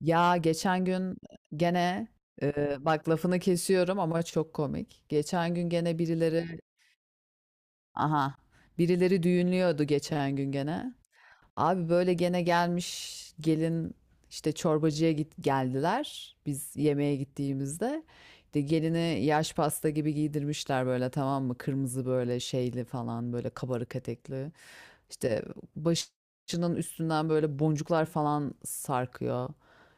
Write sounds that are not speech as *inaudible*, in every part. Ya geçen gün gene bak lafını kesiyorum ama çok komik. Geçen gün gene birileri aha birileri düğünlüyordu geçen gün gene. Abi böyle gene gelmiş gelin işte çorbacıya git geldiler biz yemeğe gittiğimizde. İşte gelini yaş pasta gibi giydirmişler böyle, tamam mı? Kırmızı böyle şeyli falan, böyle kabarık etekli. İşte başının üstünden böyle boncuklar falan sarkıyor.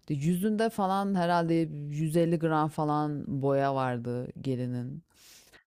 İşte yüzünde falan herhalde 150 gram falan boya vardı gelinin.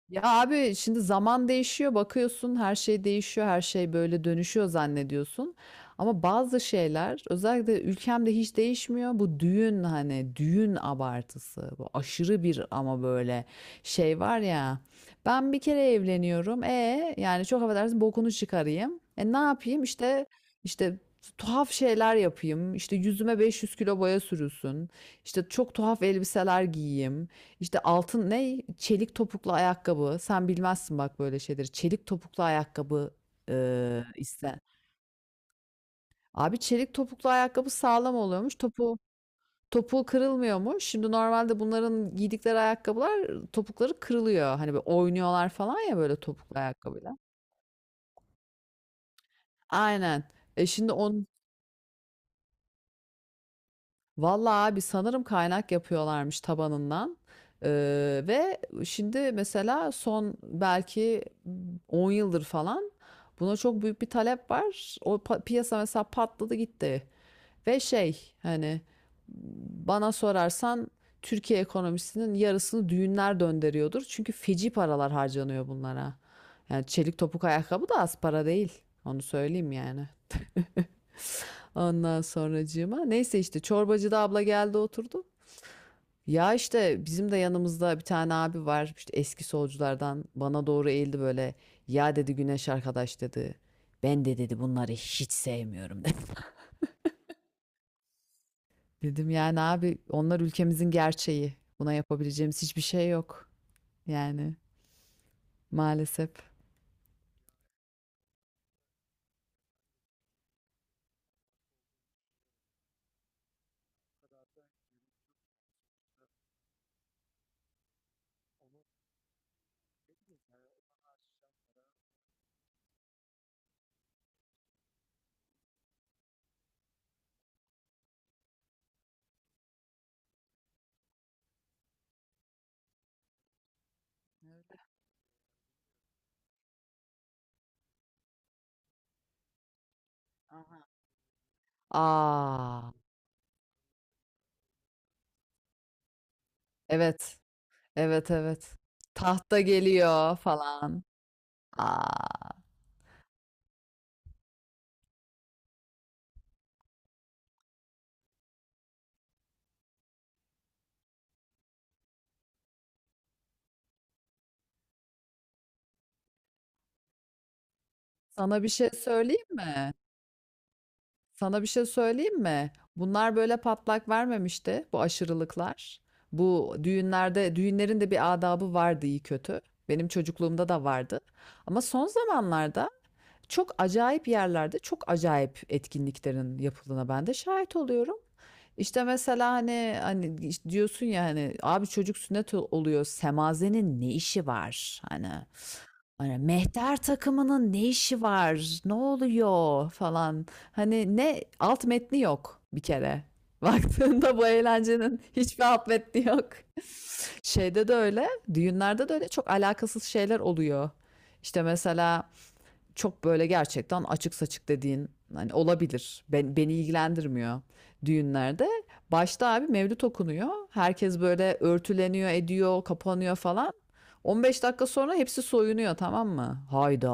Ya abi, şimdi zaman değişiyor, bakıyorsun her şey değişiyor, her şey böyle dönüşüyor zannediyorsun. Ama bazı şeyler özellikle ülkemde hiç değişmiyor. Bu düğün, hani düğün abartısı. Bu aşırı bir ama böyle şey var ya. Ben bir kere evleniyorum. E yani, çok affedersin, bokunu çıkarayım. E ne yapayım? İşte işte tuhaf şeyler yapayım. İşte yüzüme 500 kilo boya sürülsün. İşte çok tuhaf elbiseler giyeyim. İşte altın ne? Çelik topuklu ayakkabı. Sen bilmezsin bak böyle şeyleri. Çelik topuklu ayakkabı, iste. Abi çelik topuklu ayakkabı sağlam oluyormuş. Topuğu kırılmıyormuş. Şimdi normalde bunların giydikleri ayakkabılar topukları kırılıyor. Hani böyle oynuyorlar falan ya böyle topuklu ayakkabıyla. Aynen. E şimdi on Vallahi abi sanırım kaynak yapıyorlarmış tabanından. Ee, ve şimdi mesela son belki 10 yıldır falan buna çok büyük bir talep var. Piyasa mesela patladı gitti. Ve şey, hani bana sorarsan Türkiye ekonomisinin yarısını düğünler döndürüyordur. Çünkü feci paralar harcanıyor bunlara. Yani çelik topuk ayakkabı da az para değil. Onu söyleyeyim yani. *laughs* Ondan sonracığıma, neyse işte çorbacıda abla geldi oturdu. Ya işte bizim de yanımızda bir tane abi var, işte eski solculardan, bana doğru eğildi böyle. Ya dedi, Güneş arkadaş dedi, ben de dedi bunları hiç sevmiyorum dedi. *laughs* Dedim yani abi, onlar ülkemizin gerçeği. Buna yapabileceğimiz hiçbir şey yok. Yani maalesef. Aa, evet, evet, evet. Tahta geliyor falan. Aa, sana bir şey söyleyeyim mi? Sana bir şey söyleyeyim mi? Bunlar böyle patlak vermemişti, bu aşırılıklar. Bu düğünlerde, düğünlerin de bir adabı vardı iyi kötü. Benim çocukluğumda da vardı. Ama son zamanlarda çok acayip yerlerde çok acayip etkinliklerin yapıldığına ben de şahit oluyorum. İşte mesela hani işte diyorsun ya, hani abi çocuk sünnet oluyor, semazenin ne işi var hani, hani mehter takımının ne işi var, ne oluyor falan, hani ne, alt metni yok bir kere. *laughs* Baktığında bu eğlencenin hiçbir alt metni yok. Şeyde de öyle, düğünlerde de öyle, çok alakasız şeyler oluyor. İşte mesela çok böyle gerçekten açık saçık dediğin hani olabilir. Beni ilgilendirmiyor düğünlerde. Başta abi mevlüt okunuyor. Herkes böyle örtüleniyor, ediyor, kapanıyor falan. 15 dakika sonra hepsi soyunuyor, tamam mı? Hayda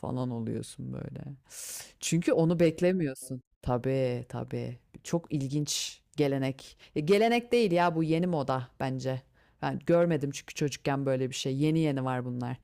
falan oluyorsun böyle. Çünkü onu beklemiyorsun. Tabii tabii. Çok ilginç gelenek. Ya gelenek değil ya, bu yeni moda bence. Ben görmedim çünkü çocukken böyle bir şey. Yeni yeni var bunlar.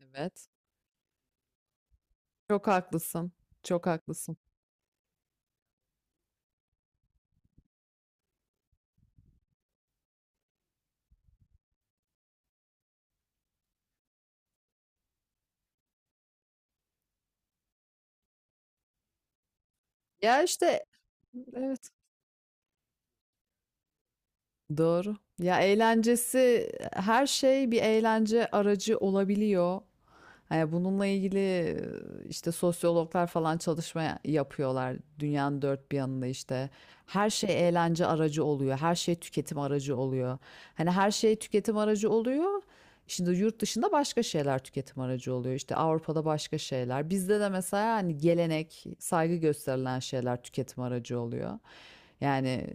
Evet. Çok haklısın. Çok haklısın. Ya, işte evet, doğru. Ya, eğlencesi, her şey bir eğlence aracı olabiliyor. Hani bununla ilgili, işte, sosyologlar falan çalışma ya yapıyorlar dünyanın dört bir yanında, işte. Her şey eğlence aracı oluyor, her şey tüketim aracı oluyor. Hani her şey tüketim aracı oluyor, şimdi yurt dışında başka şeyler tüketim aracı oluyor. İşte Avrupa'da başka şeyler. Bizde de mesela hani gelenek, saygı gösterilen şeyler tüketim aracı oluyor. Yani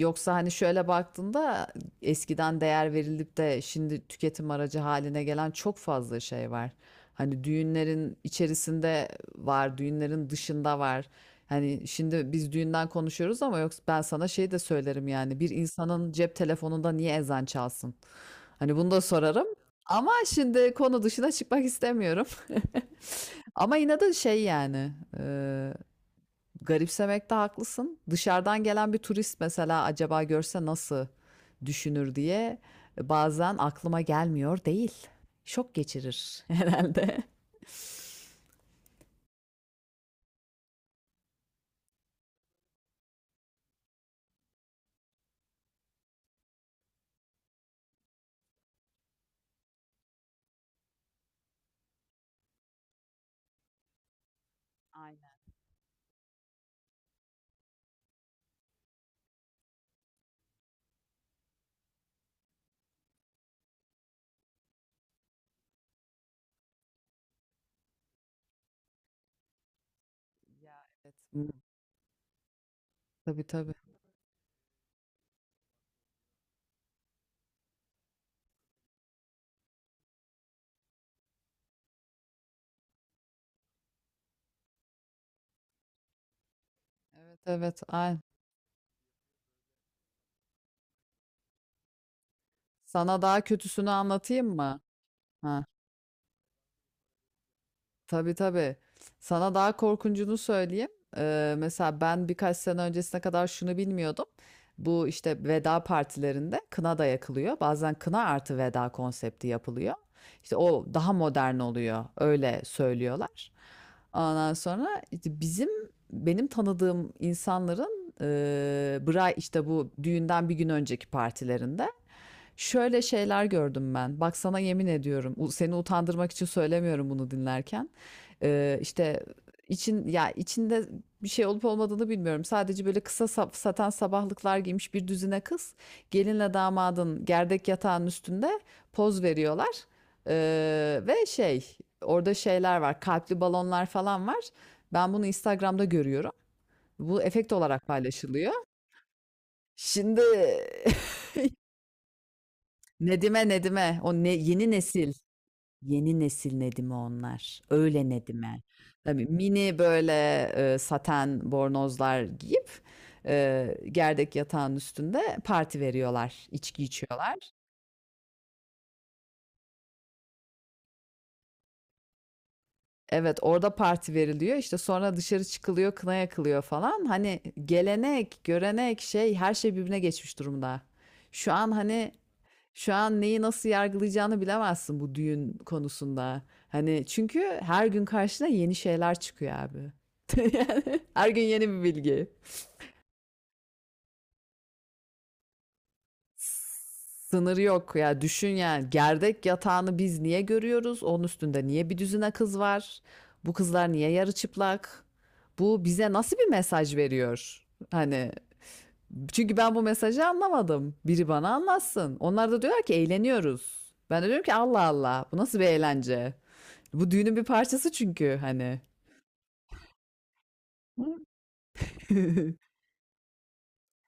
yoksa hani şöyle baktığında eskiden değer verilip de şimdi tüketim aracı haline gelen çok fazla şey var. Hani düğünlerin içerisinde var, düğünlerin dışında var. Hani şimdi biz düğünden konuşuyoruz ama yoksa ben sana şey de söylerim yani, bir insanın cep telefonunda niye ezan çalsın? Hani bunu da sorarım. Ama şimdi konu dışına çıkmak istemiyorum. *laughs* Ama yine de şey yani, e, garipsemekte haklısın. Dışarıdan gelen bir turist mesela acaba görse nasıl düşünür diye bazen aklıma gelmiyor değil. Şok geçirir *laughs* herhalde. Aynen ya, evet. Hı, tabii tabii. Evet evet. Ay. Sana daha kötüsünü anlatayım mı? Ha. Tabii tabii. Sana daha korkuncunu söyleyeyim. Mesela ben birkaç sene öncesine kadar şunu bilmiyordum. Bu işte veda partilerinde kına da yakılıyor. Bazen kına artı veda konsepti yapılıyor. İşte o daha modern oluyor. Öyle söylüyorlar. Ondan sonra işte bizim benim tanıdığım insanların e, bra işte bu düğünden bir gün önceki partilerinde şöyle şeyler gördüm ben. Bak sana yemin ediyorum. Seni utandırmak için söylemiyorum bunu dinlerken. İşte içinde bir şey olup olmadığını bilmiyorum. Sadece böyle kısa saten sabahlıklar giymiş bir düzine kız gelinle damadın gerdek yatağının üstünde poz veriyorlar. Ve şey, orada şeyler var, kalpli balonlar falan var. Ben bunu Instagram'da görüyorum. Bu efekt olarak paylaşılıyor. Şimdi *laughs* Nedime, o ne, yeni nesil, yeni nesil Nedim'i onlar. Öyle Nedim'e. Tabii mini böyle saten bornozlar giyip gerdek yatağın üstünde parti veriyorlar. İçki içiyorlar. Evet orada parti veriliyor. İşte sonra dışarı çıkılıyor, kına yakılıyor falan. Hani gelenek, görenek, şey, her şey birbirine geçmiş durumda. Şu an hani şu an neyi nasıl yargılayacağını bilemezsin bu düğün konusunda. Hani çünkü her gün karşına yeni şeyler çıkıyor abi. *laughs* Her gün yeni bir bilgi. Sınır yok ya, düşün yani, gerdek yatağını biz niye görüyoruz? Onun üstünde niye bir düzine kız var? Bu kızlar niye yarı çıplak? Bu bize nasıl bir mesaj veriyor? Hani çünkü ben bu mesajı anlamadım. Biri bana anlatsın. Onlar da diyorlar ki eğleniyoruz. Ben de diyorum ki Allah Allah, bu nasıl bir eğlence? Bu düğünün bir parçası çünkü hani. *laughs*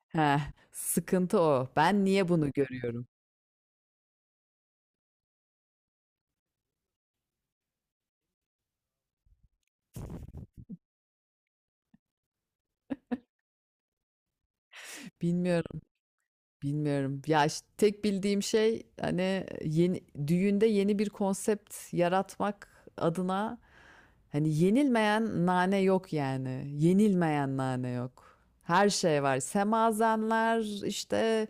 Heh, sıkıntı o. Ben niye bunu görüyorum? Bilmiyorum. Bilmiyorum. Ya işte tek bildiğim şey hani yeni, düğünde yeni bir konsept yaratmak adına hani yenilmeyen nane yok yani. Yenilmeyen nane yok. Her şey var. Semazenler, işte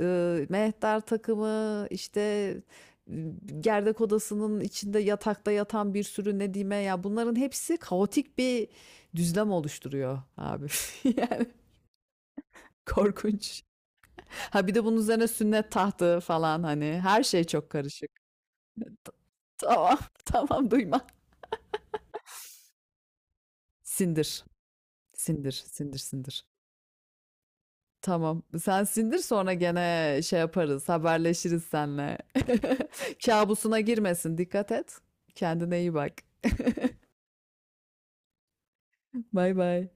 mehter takımı, işte, e, gerdek odasının içinde yatakta yatan bir sürü nedime, ya bunların hepsi kaotik bir düzlem oluşturuyor abi. *laughs* Yani korkunç. Ha bir de bunun üzerine sünnet tahtı falan, hani her şey çok karışık. Tamam, *laughs* tamam duyma. Sindir, sindir, sindir, sindir. Tamam. Sen sindir sonra gene şey yaparız, haberleşiriz senle. *laughs* Kabusuna girmesin, dikkat et. Kendine iyi bak. Bay bay.